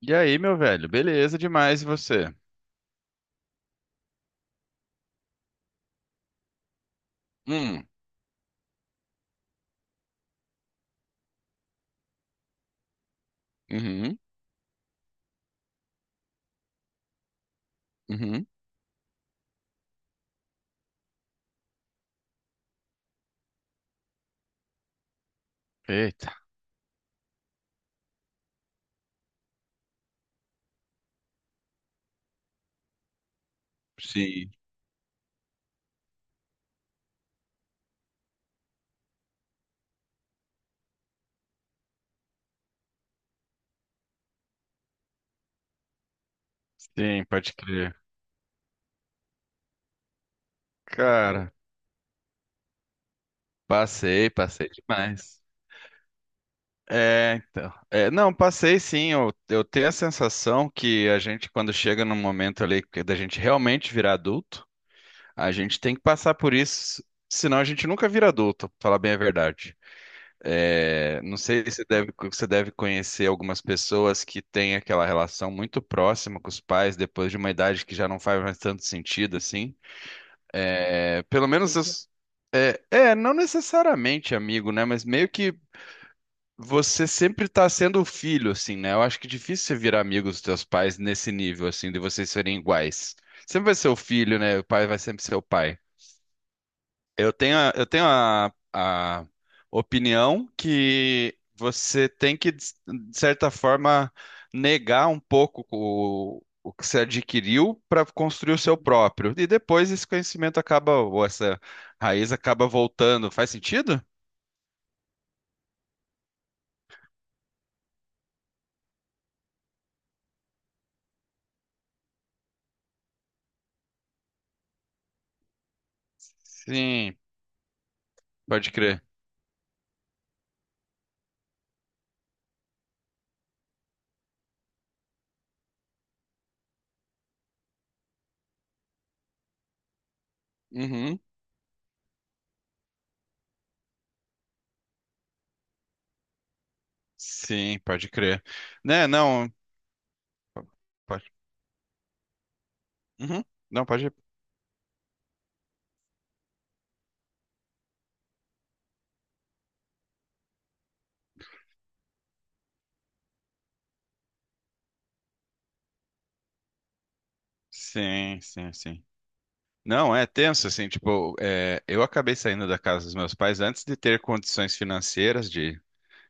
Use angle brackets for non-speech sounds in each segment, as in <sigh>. E aí, meu velho? Beleza demais, e você? Hum, uhum, uhum. Eita. Sim, sim, pode crer. Cara, passei, passei demais. É, então. É, não, passei sim. Eu tenho a sensação que a gente, quando chega num momento ali que da gente realmente virar adulto, a gente tem que passar por isso, senão a gente nunca vira adulto, pra falar bem a verdade. É, não sei se deve, você deve conhecer algumas pessoas que têm aquela relação muito próxima com os pais depois de uma idade que já não faz mais tanto sentido assim. É, pelo menos, não necessariamente amigo, né? Mas meio que você sempre tá sendo o filho, assim, né? Eu acho que é difícil você virar amigo dos teus pais nesse nível, assim, de vocês serem iguais. Sempre vai ser o filho, né? O pai vai sempre ser o pai. Eu tenho a opinião que você tem que, de certa forma, negar um pouco o que você adquiriu para construir o seu próprio. E depois esse conhecimento acaba, ou essa raiz acaba voltando. Faz sentido? Sim, pode crer. Uhum. Sim, pode crer. Né, não, pode. Uhum. Não, pode. Sim, sim, sim. Não, é tenso, assim, tipo, é, eu acabei saindo da casa dos meus pais antes de ter condições financeiras de,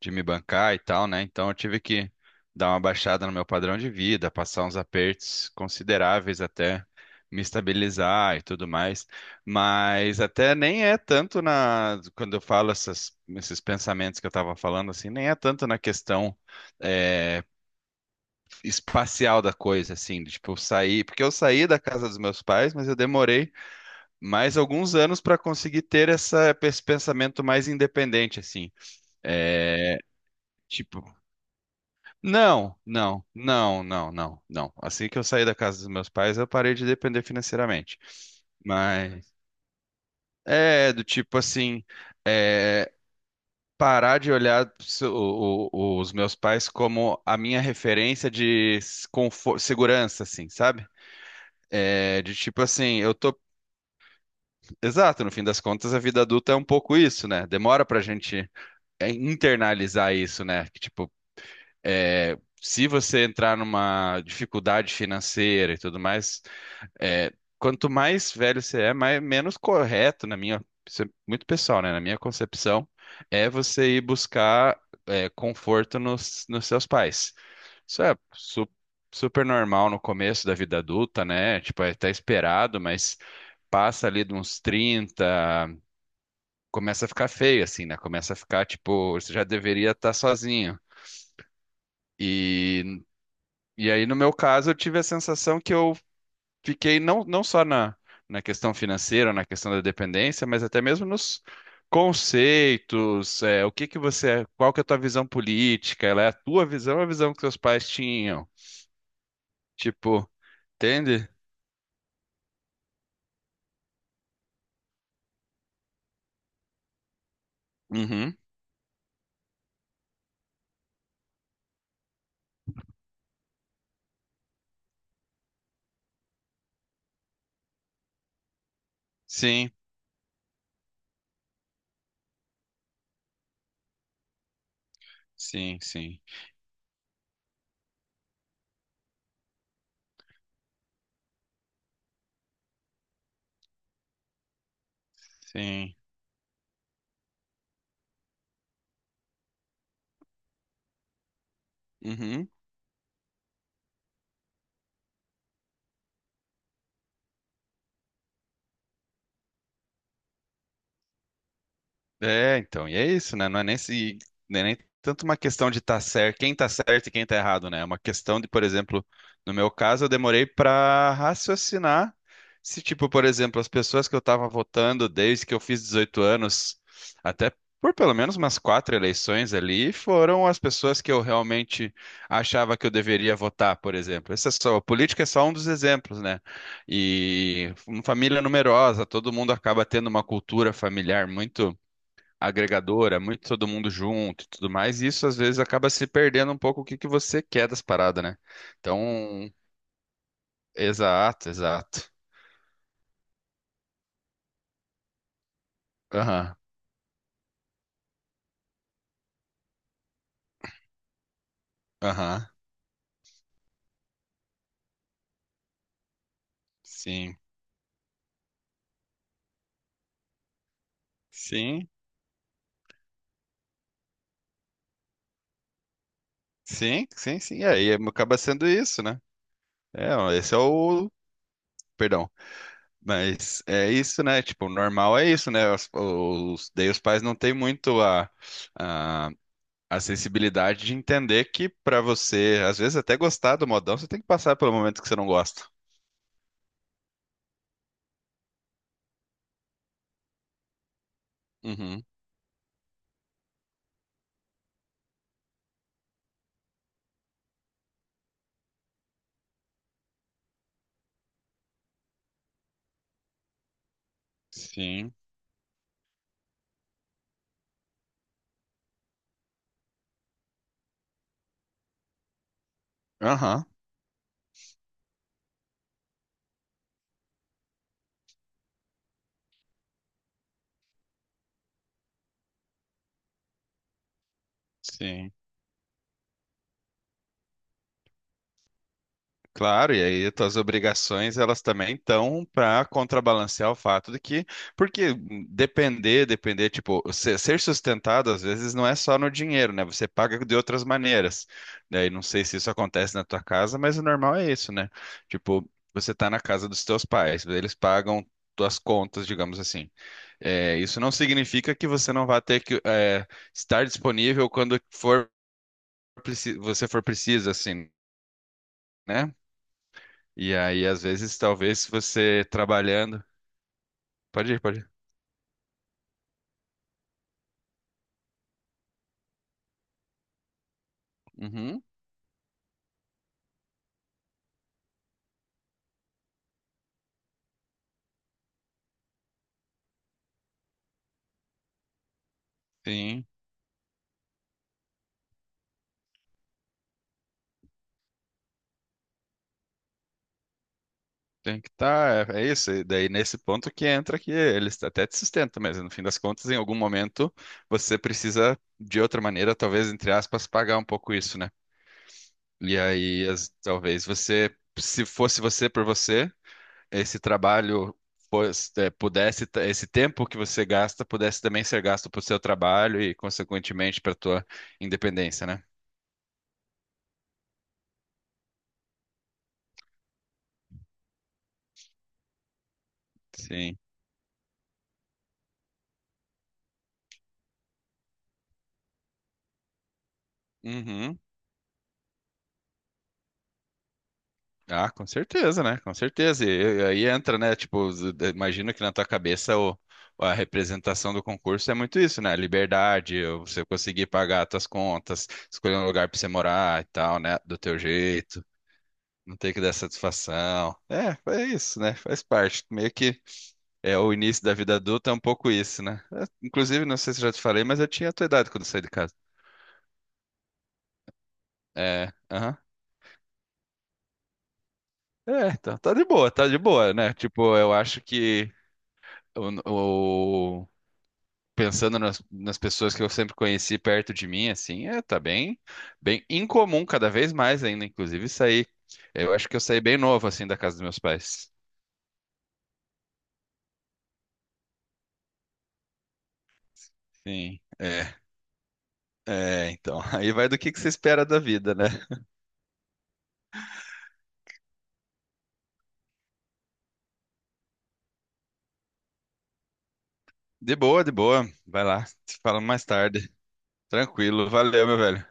de me bancar e tal, né? Então eu tive que dar uma baixada no meu padrão de vida, passar uns apertos consideráveis até me estabilizar e tudo mais. Mas até nem é tanto quando eu falo esses pensamentos que eu tava falando, assim, nem é tanto na questão é, espacial da coisa, assim, de, tipo, sair, porque eu saí da casa dos meus pais, mas eu demorei mais alguns anos para conseguir ter essa, esse pensamento mais independente, assim. É, tipo, não, não, não, não, não, não. Assim que eu saí da casa dos meus pais, eu parei de depender financeiramente. Mas é do tipo assim, é, parar de olhar os meus pais como a minha referência de segurança, assim, sabe? É, de tipo assim, eu tô. Exato, no fim das contas, a vida adulta é um pouco isso, né? Demora pra gente internalizar isso, né? Que, tipo, se você entrar numa dificuldade financeira e tudo mais, é, quanto mais velho você é, mais, menos correto, na minha, isso é muito pessoal, né? Na minha concepção, é você ir buscar conforto nos seus pais. Isso é super normal no começo da vida adulta, né? Tipo, é até esperado, mas passa ali de uns 30 começa a ficar feio, assim, né? Começa a ficar, tipo, você já deveria estar sozinho. E, e aí, no meu caso, eu tive a sensação que eu fiquei não, não só na questão financeira, na questão da dependência, mas até mesmo nos conceitos, o que que você, qual que é a tua visão política? Ela é a tua visão ou a visão que seus pais tinham? Tipo, entende? Uhum. Sim, sim, sim, sim. Uhum. É, então, e é isso, né? Não é nem tanto uma questão de estar certo, quem tá certo e quem tá errado, né? É uma questão de, por exemplo, no meu caso, eu demorei para raciocinar se, tipo, por exemplo, as pessoas que eu tava votando desde que eu fiz 18 anos, até por pelo menos umas quatro eleições ali, foram as pessoas que eu realmente achava que eu deveria votar, por exemplo. Essa é só, a política é só um dos exemplos, né? E uma família numerosa, todo mundo acaba tendo uma cultura familiar muito agregadora, muito todo mundo junto e tudo mais, e isso às vezes acaba se perdendo um pouco o que que você quer das paradas, né? Então, exato, exato. Aham, aham. Sim, sim, sim, sim, sim. É, e aí acaba sendo isso, né? É, ó, esse é o. Perdão. Mas é isso, né? Tipo, o normal é isso, né? Daí os pais não têm muito a, a sensibilidade de entender que pra você, às vezes até gostar do modão, você tem que passar pelo momento que você não gosta. Uhum. Sim. Aham. Sim. Claro, e aí tuas obrigações elas também estão para contrabalancear o fato de que, porque depender, depender, tipo, ser, ser sustentado às vezes não é só no dinheiro, né? Você paga de outras maneiras. Daí não sei se isso acontece na tua casa, mas o normal é isso, né? Tipo, você tá na casa dos teus pais, eles pagam tuas contas, digamos assim. É, isso não significa que você não vá ter que estar disponível você for preciso, assim. Né? E aí, às vezes, talvez você trabalhando. Pode ir, pode ir. Uhum, sim, tem que estar. É isso. E daí, nesse ponto que entra que eles até te sustentam, mas no fim das contas, em algum momento, você precisa, de outra maneira, talvez, entre aspas, pagar um pouco isso, né? E aí, talvez você, se fosse você por você, esse trabalho. Esse tempo que você gasta pudesse também ser gasto para o seu trabalho e consequentemente para a tua independência, né? Sim. Uhum. Ah, com certeza, né? Com certeza. E aí entra, né? Tipo, imagino que na tua cabeça o, a representação do concurso é muito isso, né? Liberdade, você conseguir pagar as tuas contas, escolher um lugar pra você morar e tal, né? Do teu jeito, não ter que dar satisfação. É isso, né? Faz parte. Meio que é o início da vida adulta, é um pouco isso, né? É, inclusive, não sei se eu já te falei, mas eu tinha a tua idade quando eu saí de casa. É, aham. É, tá, tá de boa, né? Tipo, eu acho que o, o- pensando nas pessoas que eu sempre conheci perto de mim, assim, tá bem, bem incomum, cada vez mais ainda, inclusive, sair. Eu acho que eu saí bem novo, assim, da casa dos meus pais. Sim, é. É, então, <laughs> aí vai do que você espera da vida, né? De boa, de boa. Vai lá, te falo mais tarde. Tranquilo, valeu, meu velho.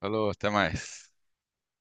Falou, até mais.